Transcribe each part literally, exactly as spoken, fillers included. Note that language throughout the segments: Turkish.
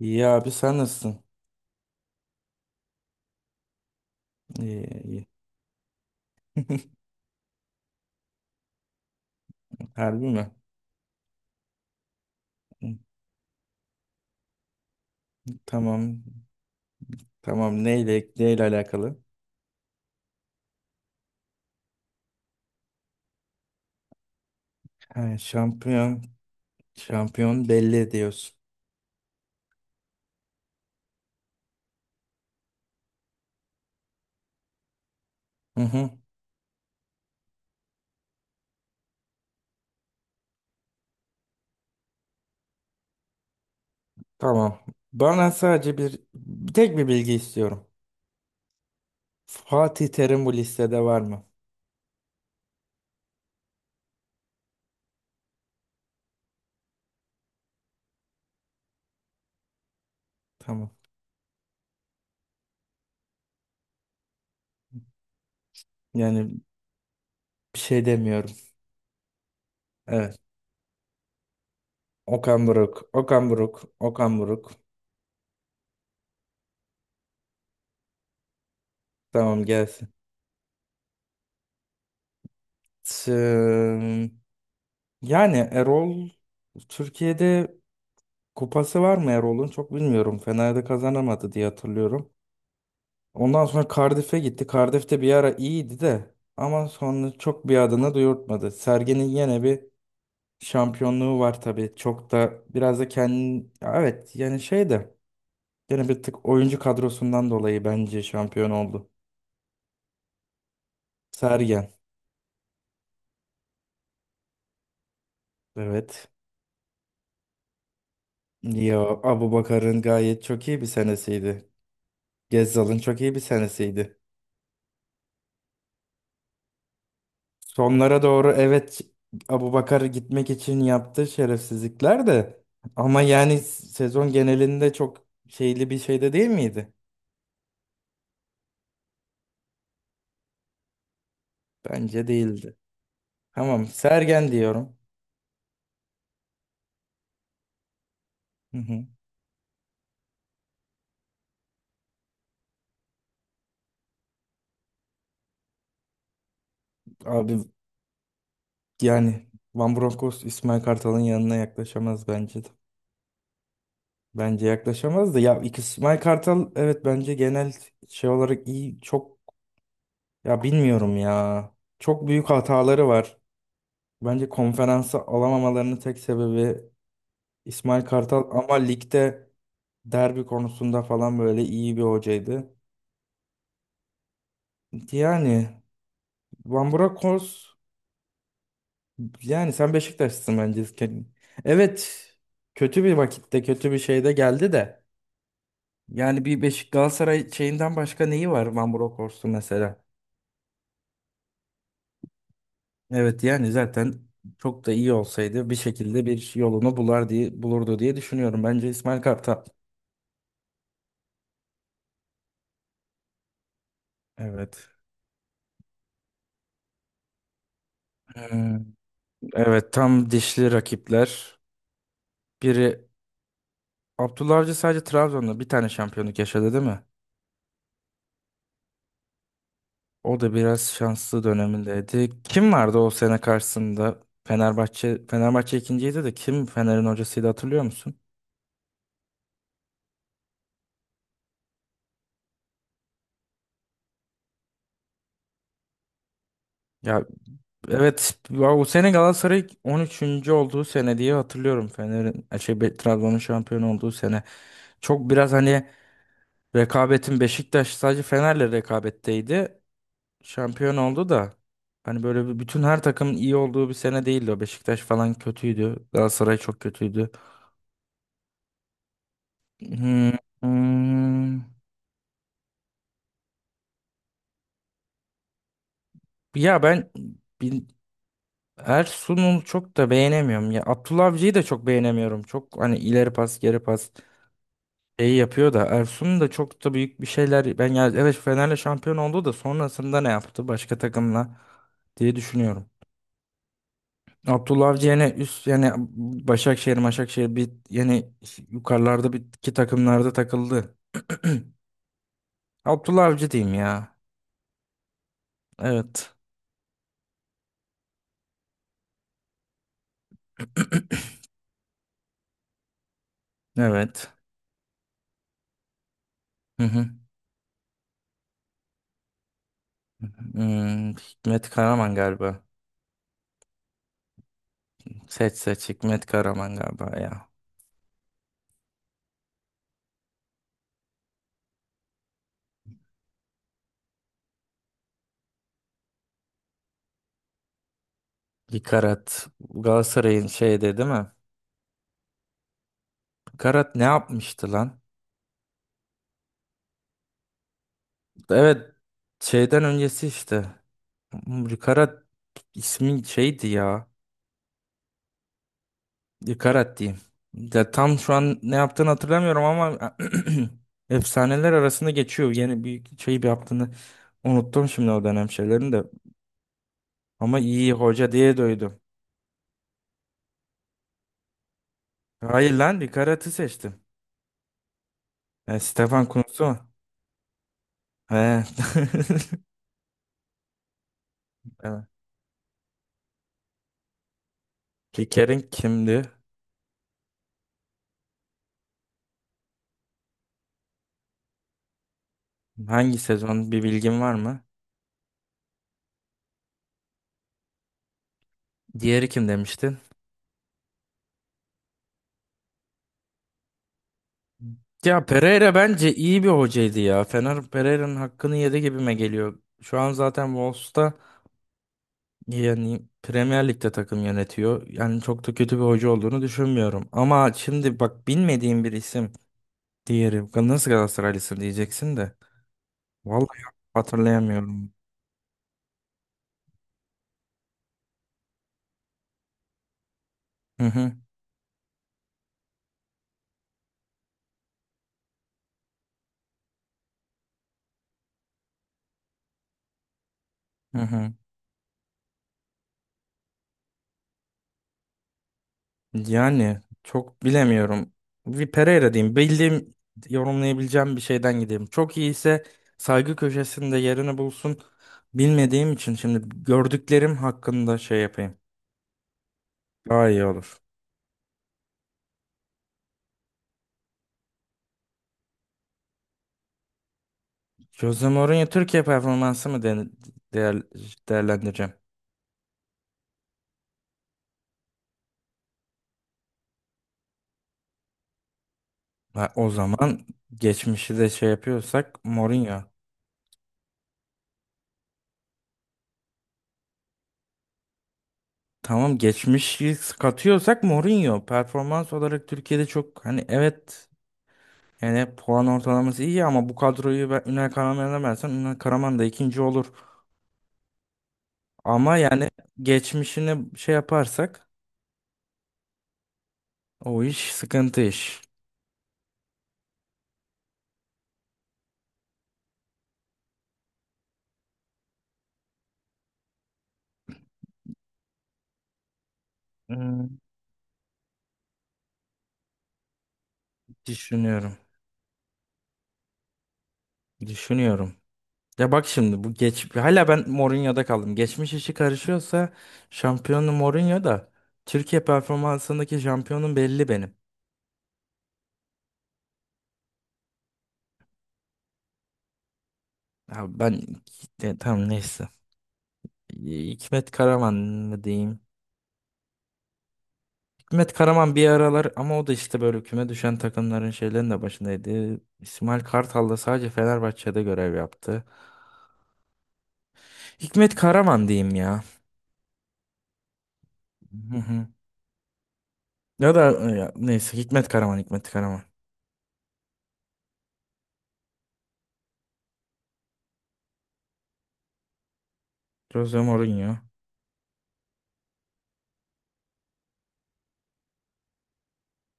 İyi abi sen nasılsın? İyi iyi. Harbi mi? Hı, tamam. Tamam neyle neyle alakalı? Ha, şampiyon şampiyon belli ediyorsun. Hı hı. Tamam. Bana sadece bir tek bir bilgi istiyorum. Fatih Terim bu listede var mı? Tamam. Yani bir şey demiyorum. Evet. Okan Buruk. Okan Buruk. Okan Buruk. Tamam gelsin. Tım. Yani Erol Türkiye'de kupası var mı Erol'un? Çok bilmiyorum. Fener'de kazanamadı diye hatırlıyorum. Ondan sonra Cardiff'e gitti. Cardiff'te bir ara iyiydi de ama sonra çok bir adını duyurtmadı. Sergen'in yine bir şampiyonluğu var tabii. Çok da biraz da kendi evet yani şey de yine bir tık oyuncu kadrosundan dolayı bence şampiyon oldu. Sergen. Evet. Ya Abubakar'ın gayet çok iyi bir senesiydi. Gezzal'ın çok iyi bir senesiydi. Sonlara doğru evet Abubakar gitmek için yaptığı şerefsizlikler de ama yani sezon genelinde çok şeyli bir şey de değil miydi? Bence değildi. Tamam Sergen diyorum. Hı hı. Abi yani Van Bronckhorst İsmail Kartal'ın yanına yaklaşamaz bence de. Bence yaklaşamaz da ya iki- İsmail Kartal evet bence genel şey olarak iyi çok ya bilmiyorum ya. Çok büyük hataları var. Bence konferansa alamamalarının tek sebebi İsmail Kartal ama ligde derbi konusunda falan böyle iyi bir hocaydı. Yani Van Burakos yani sen Beşiktaşlısın bence. Evet kötü bir vakitte kötü bir şeyde geldi de yani bir Beşik Galatasaray şeyinden başka neyi var Van Burakos'un mesela? Evet yani zaten çok da iyi olsaydı bir şekilde bir yolunu bular diye bulurdu diye düşünüyorum. Bence İsmail Kartal. Evet. Ee, evet tam dişli rakipler. Biri Abdullah Avcı sadece Trabzon'da bir tane şampiyonluk yaşadı değil mi? O da biraz şanslı dönemindeydi. Kim vardı o sene karşısında? Fenerbahçe Fenerbahçe ikinciydi de kim Fener'in hocasıydı hatırlıyor musun? Ya evet ya o sene Galatasaray on üçüncü olduğu sene diye hatırlıyorum Fener'in e, şey Be- Trabzon'un şampiyon olduğu sene. Çok biraz hani rekabetin Beşiktaş sadece Fener'le rekabetteydi. Şampiyon oldu da hani böyle bir- bütün her takımın iyi olduğu bir sene değildi o. Beşiktaş falan kötüydü. Galatasaray çok kötüydü. Hmm, hmm. Ya ben bin, Ersun'u çok da beğenemiyorum. Ya Abdullah Avcı'yı da çok beğenemiyorum. Çok hani ileri pas, geri pas şeyi yapıyor da Ersun da çok da büyük bir şeyler ben ya evet Fener'le şampiyon oldu da sonrasında ne yaptı başka takımla diye düşünüyorum. Abdullah Avcı yani üst yani Başakşehir, Başakşehir bir yani yukarılarda bir iki takımlarda takıldı. Abdullah Avcı diyeyim ya. Evet. Evet. Hı hı. Hmm, Hikmet Karaman galiba. Seç seç Hikmet Karaman galiba ya. Karat Galatasaray'ın şeyde değil mi? Karat ne yapmıştı lan? Evet şeyden öncesi işte. Karat ismin şeydi ya. Dikarat diyeyim. Ya tam şu an ne yaptığını hatırlamıyorum ama efsaneler arasında geçiyor. Yeni bir şey bir yaptığını unuttum şimdi o dönem şeylerini de. Ama iyi hoca diye duydum. Hayır lan Dikarat'ı seçtim. E, Stefan Kuntz'u mu? He. Evet. Kiker'in kimdi? Hangi sezon bir bilgin var mı? Diğeri kim demiştin? Ya Pereira bence iyi bir hocaydı ya. Fener Pereira'nın hakkını yedi gibime geliyor. Şu an zaten Wolves'ta yani Premier Lig'de takım yönetiyor. Yani çok da kötü bir hoca olduğunu düşünmüyorum. Ama şimdi bak bilmediğim bir isim diğeri. Nasıl Galatasaraylısın diyeceksin de. Vallahi hatırlayamıyorum. Hı hı hı hı. Yani çok bilemiyorum. Bir Pereira diyeyim. Bildiğim yorumlayabileceğim bir şeyden gideyim. Çok iyi ise saygı köşesinde yerini bulsun. Bilmediğim için şimdi gördüklerim hakkında şey yapayım. Daha iyi olur. Jose Mourinho Türkiye performansı mı de- değer, değerlendireceğim? Ha, o zaman geçmişi de şey yapıyorsak Mourinho. Tamam geçmişi katıyorsak Mourinho. Performans olarak Türkiye'de çok hani evet yani puan ortalaması iyi ama bu kadroyu ben Ünal Karaman'a versen Ünal Karaman da ikinci olur. Ama yani geçmişini şey yaparsak o iş sıkıntı iş. Hmm, düşünüyorum. Düşünüyorum. Ya bak şimdi bu geç hala ben Mourinho'da kaldım. Geçmiş işi karışıyorsa şampiyonu Mourinho da Türkiye performansındaki şampiyonum belli benim. Ya ben e, tamam neyse. E, Hikmet Karaman mı diyeyim? Hikmet Karaman bir aralar ama o da işte böyle küme düşen takımların şeylerin de başındaydı. İsmail Kartal da sadece Fenerbahçe'de görev yaptı. Hikmet Karaman diyeyim ya. Hı hı. Ya da e, ya, neyse Hikmet Karaman, Hikmet Karaman. Jose Mourinho,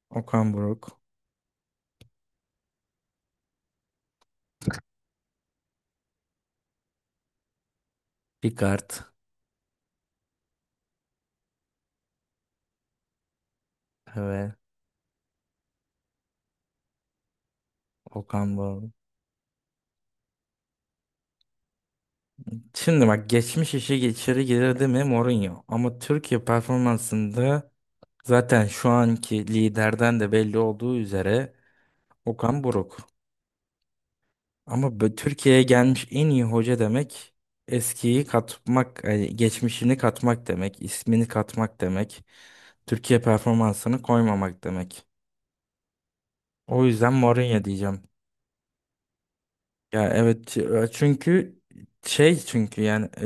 Okan Buruk, Ricard. Evet. Okan Buruk. Şimdi bak geçmiş işi içeri girdi mi Mourinho. Ama Türkiye performansında zaten şu anki liderden de belli olduğu üzere Okan Buruk. Ama bu- Türkiye'ye gelmiş en iyi hoca demek eskiyi katmak, e, geçmişini katmak demek, ismini katmak demek, Türkiye performansını koymamak demek. O yüzden Mourinho diyeceğim. Ya evet e, çünkü şey çünkü yani e,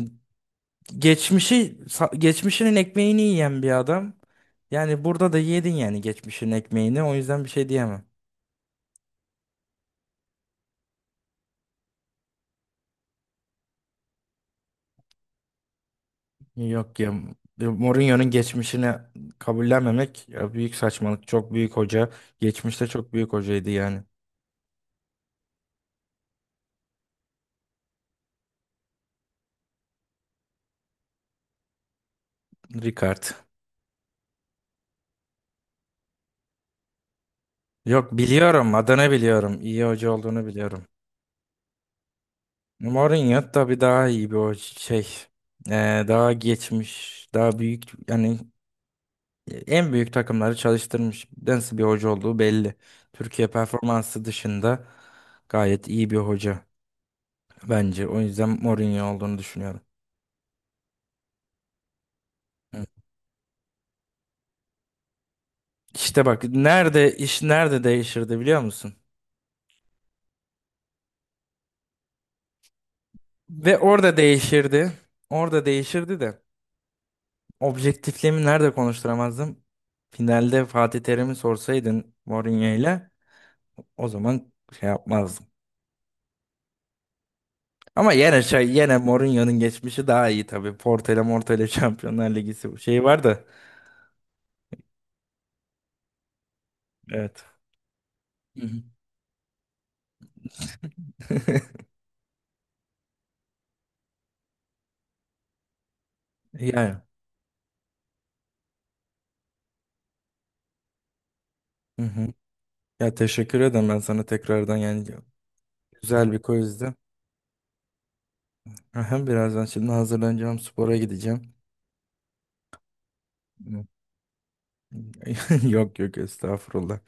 geçmişi sa- geçmişinin ekmeğini yiyen bir adam. Yani burada da yedin yani geçmişin ekmeğini. O yüzden bir şey diyemem. Yok ya e, Mourinho'nun geçmişini kabullenmemek ya büyük saçmalık. Çok büyük hoca. Geçmişte çok büyük hocaydı yani. Ricard. Yok biliyorum adını biliyorum. İyi hoca olduğunu biliyorum. Mourinho tabii daha iyi bir hoca şey. Ee, daha geçmiş, daha büyük yani en büyük takımları çalıştırmış. Nasıl bir hoca olduğu belli. Türkiye performansı dışında gayet iyi bir hoca bence. O yüzden Mourinho olduğunu düşünüyorum. Hı. İşte bak nerede iş nerede değişirdi biliyor musun? Ve orada değişirdi. Orada değişirdi de objektifliğimi nerede konuşturamazdım? Finalde Fatih Terim'i sorsaydın Mourinho ile o zaman şey yapmazdım. Ama yine şey yine Mourinho'nun geçmişi daha iyi tabii. Porto'yla Morto'yla Şampiyonlar Ligi şeyi var da evet. Hı hı. Yani. Hı hı. Ya teşekkür ederim ben sana tekrardan yani güzel bir quizdi. Aha, birazdan şimdi hazırlanacağım spora gideceğim. Hı. Yok yok estağfurullah.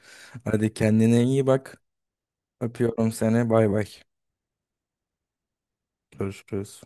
Hadi kendine iyi bak. Öpüyorum seni. Bay bay. Görüşürüz.